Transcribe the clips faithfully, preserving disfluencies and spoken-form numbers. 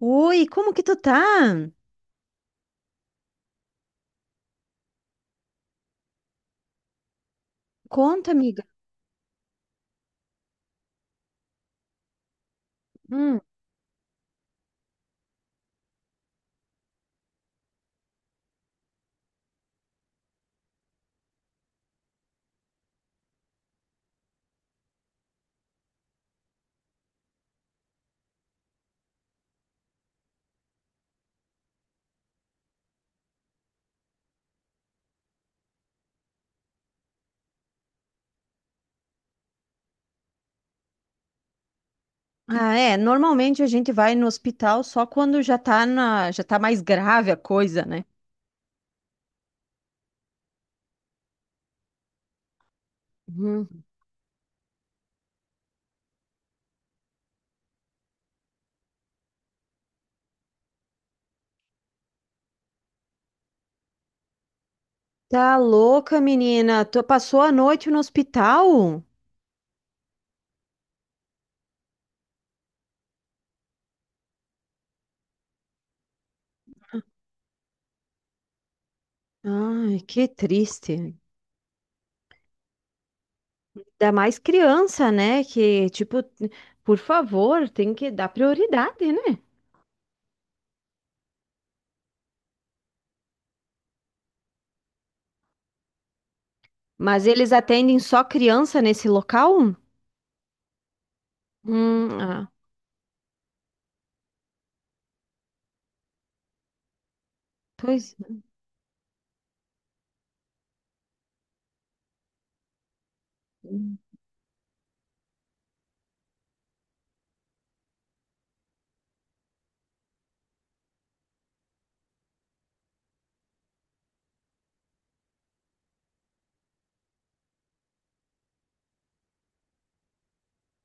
Oi, como que tu tá? Conta, amiga. Hum. Ah, é, normalmente a gente vai no hospital só quando já tá na, já tá mais grave a coisa, né? Uhum. Tá louca, menina? Tu passou a noite no hospital? Ai, que triste. Ainda mais criança, né? Que, tipo, por favor, tem que dar prioridade, né? Mas eles atendem só criança nesse local? Hum, ah, pois.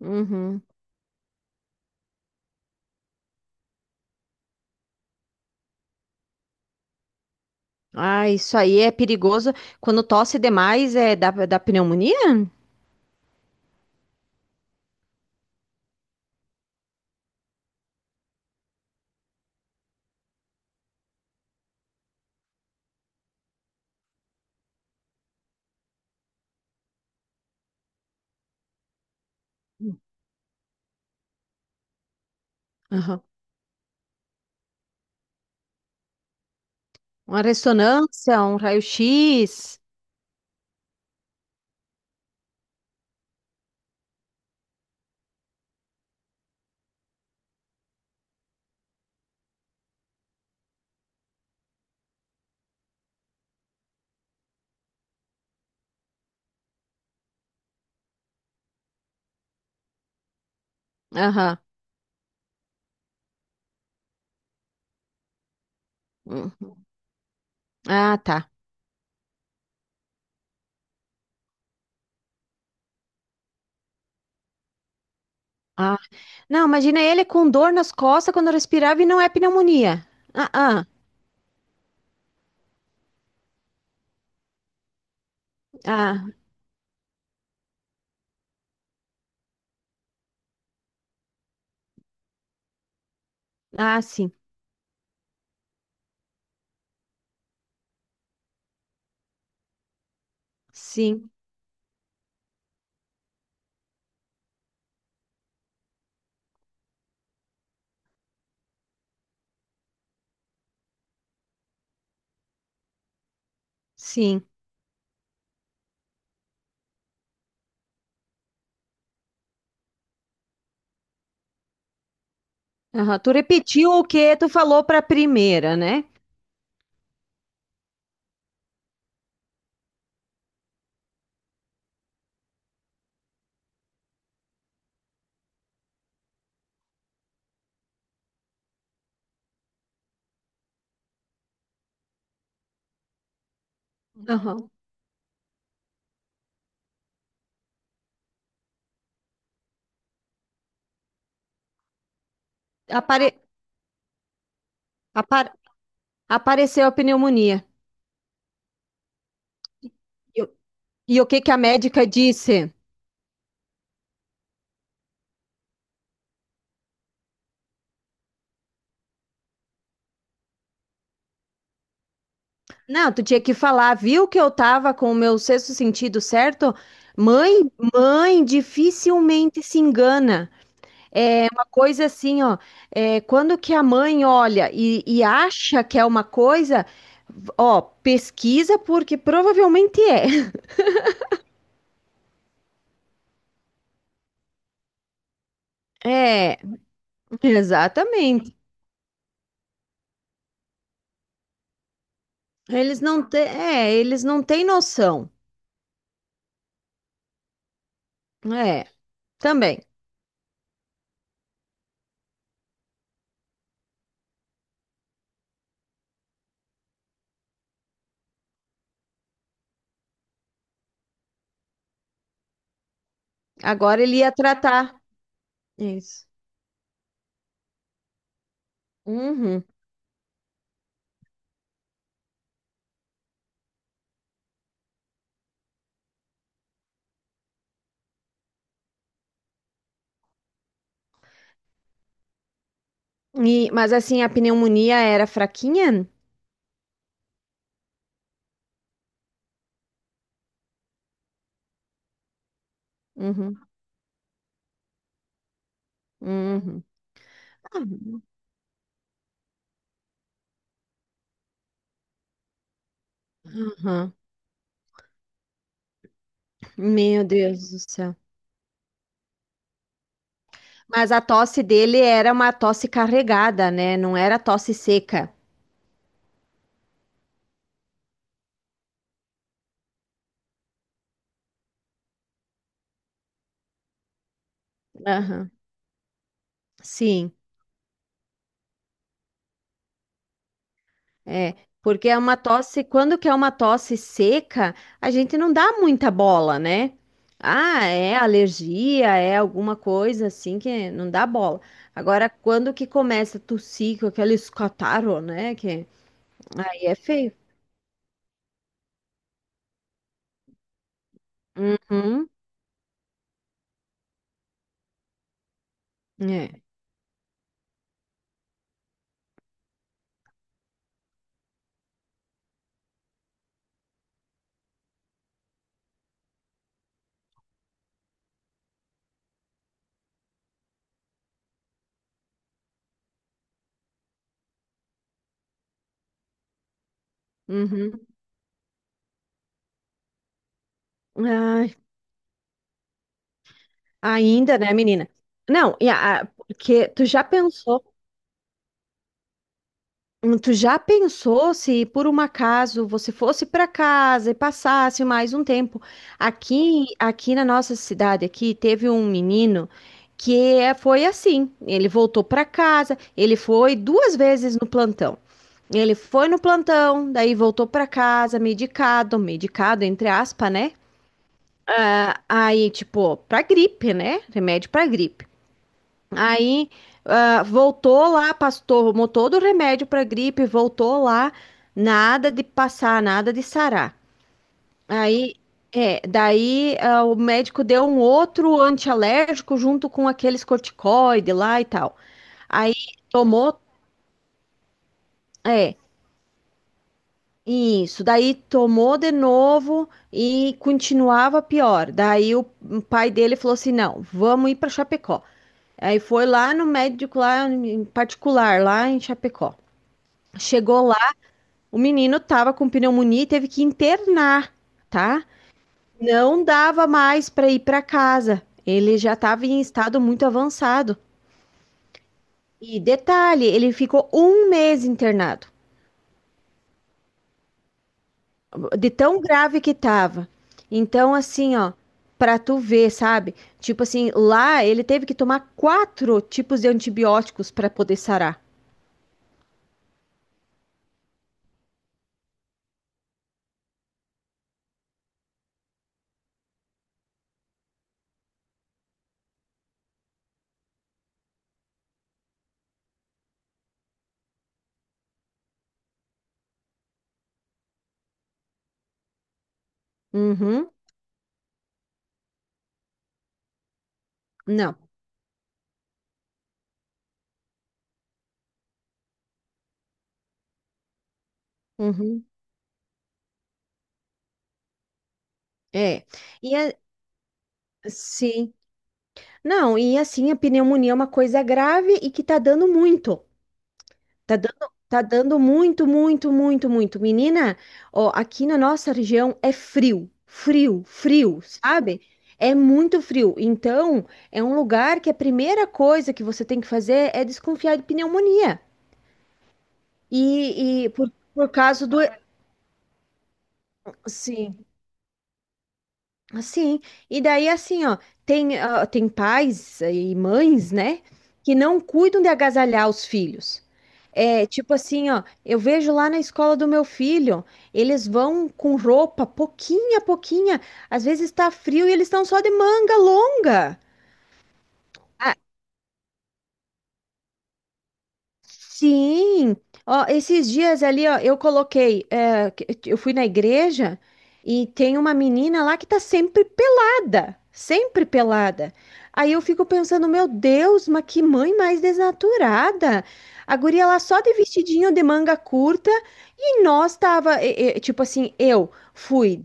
Uhum. Ah, isso aí é perigoso. Quando tosse demais, é da, da pneumonia? Hum. Aham. Uma ressonância, um raio-x. Aham. Hum. Ah, tá. Ah. Não, imagina ele com dor nas costas quando respirava e não é pneumonia. Ah, ah, ah, ah, sim, sim, sim. Aham. Tu repetiu o que tu falou para a primeira, né? Aham. Apare- apar- Apareceu a pneumonia. E, o- e o que que a médica disse? Não, tu tinha que falar, viu que eu tava com o meu sexto sentido certo? Mãe, mãe dificilmente se engana. É uma coisa assim, ó. É, quando que a mãe olha e, e acha que é uma coisa, ó, pesquisa porque provavelmente é. É, exatamente. Eles não têm, é, eles não têm noção. É, também. Agora ele ia tratar isso. Uhum. E- mas assim, a pneumonia era fraquinha? Uhum, uhum, uhum. Meu Deus do céu. Mas a tosse dele era uma tosse carregada, né? Não era tosse seca. Aham, sim, é. Porque é uma tosse, quando que é uma tosse seca, a gente não dá muita bola, né? Ah, é alergia, é alguma coisa assim que não dá bola. Agora, quando que começa a tossir com aqueles catarro, né? Que aí é feio. Uhum, é. Uhum. Ainda, né, menina? Não, e a- a- porque tu já pensou, hum, tu já pensou se por um acaso você fosse para casa e passasse mais um tempo aqui, aqui na nossa cidade aqui teve um menino que é- foi assim, ele voltou para casa, ele foi duas vezes no plantão. Ele foi no plantão, daí voltou para casa medicado, medicado entre aspas, né? Ah, aí, tipo, pra gripe, né? Remédio pra gripe. Aí, ah, voltou lá, pastor, tomou todo o remédio para gripe, voltou lá, nada de passar, nada de sarar. Aí, é, daí, ah, o médico deu um outro antialérgico junto com aqueles corticoide lá e tal. Aí, tomou, é, isso. Daí, tomou de novo e continuava pior. Daí, o pai dele falou assim: não, vamos ir para Chapecó. Aí, foi lá no médico lá em particular, lá em Chapecó. Chegou lá, o menino tava com pneumonia e teve que internar, tá? Não dava mais para ir para casa. Ele já estava em estado muito avançado. E detalhe, ele ficou um mês internado, de tão grave que tava. Então, assim, ó, pra tu ver, sabe? Tipo assim, lá ele teve que tomar quatro tipos de antibióticos para poder sarar. Uhum, não. Uhum, é. E a- sim. Não, e assim, a pneumonia é uma coisa grave e que tá dando muito. Tá dando, tá dando muito, muito, muito, muito. Menina, ó, aqui na nossa região é frio, frio, frio, sabe? É muito frio. Então, é um lugar que a primeira coisa que você tem que fazer é desconfiar de pneumonia. E, e por, por causa do. Sim, assim. E daí, assim, ó, tem, ah, tem pais e mães, né, que não cuidam de agasalhar os filhos. É, tipo assim, ó, eu vejo lá na escola do meu filho, eles vão com roupa pouquinha a pouquinha, às vezes tá frio e eles estão só de manga longa. Sim, ó, esses dias ali, ó, eu coloquei, é, que- eu fui na igreja e tem uma menina lá que tá sempre pelada, sempre pelada. Aí eu fico pensando, meu Deus, mas que mãe mais desnaturada. A guria lá só de vestidinho de manga curta e nós tava, e- e, tipo assim, eu fui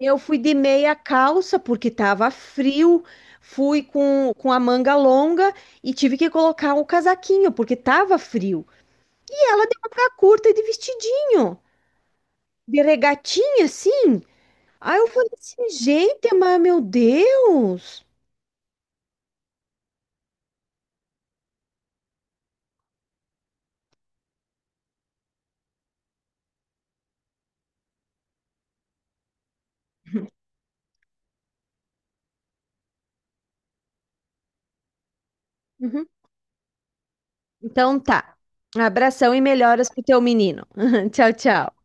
eu fui de meia calça porque estava frio, fui com, com a manga longa e tive que colocar um casaquinho porque estava frio. E ela de manga curta e de vestidinho, de regatinha assim. Aí eu falei assim, gente, mas meu Deus. Uhum. Então tá. Abração e melhoras pro teu menino. Tchau, tchau.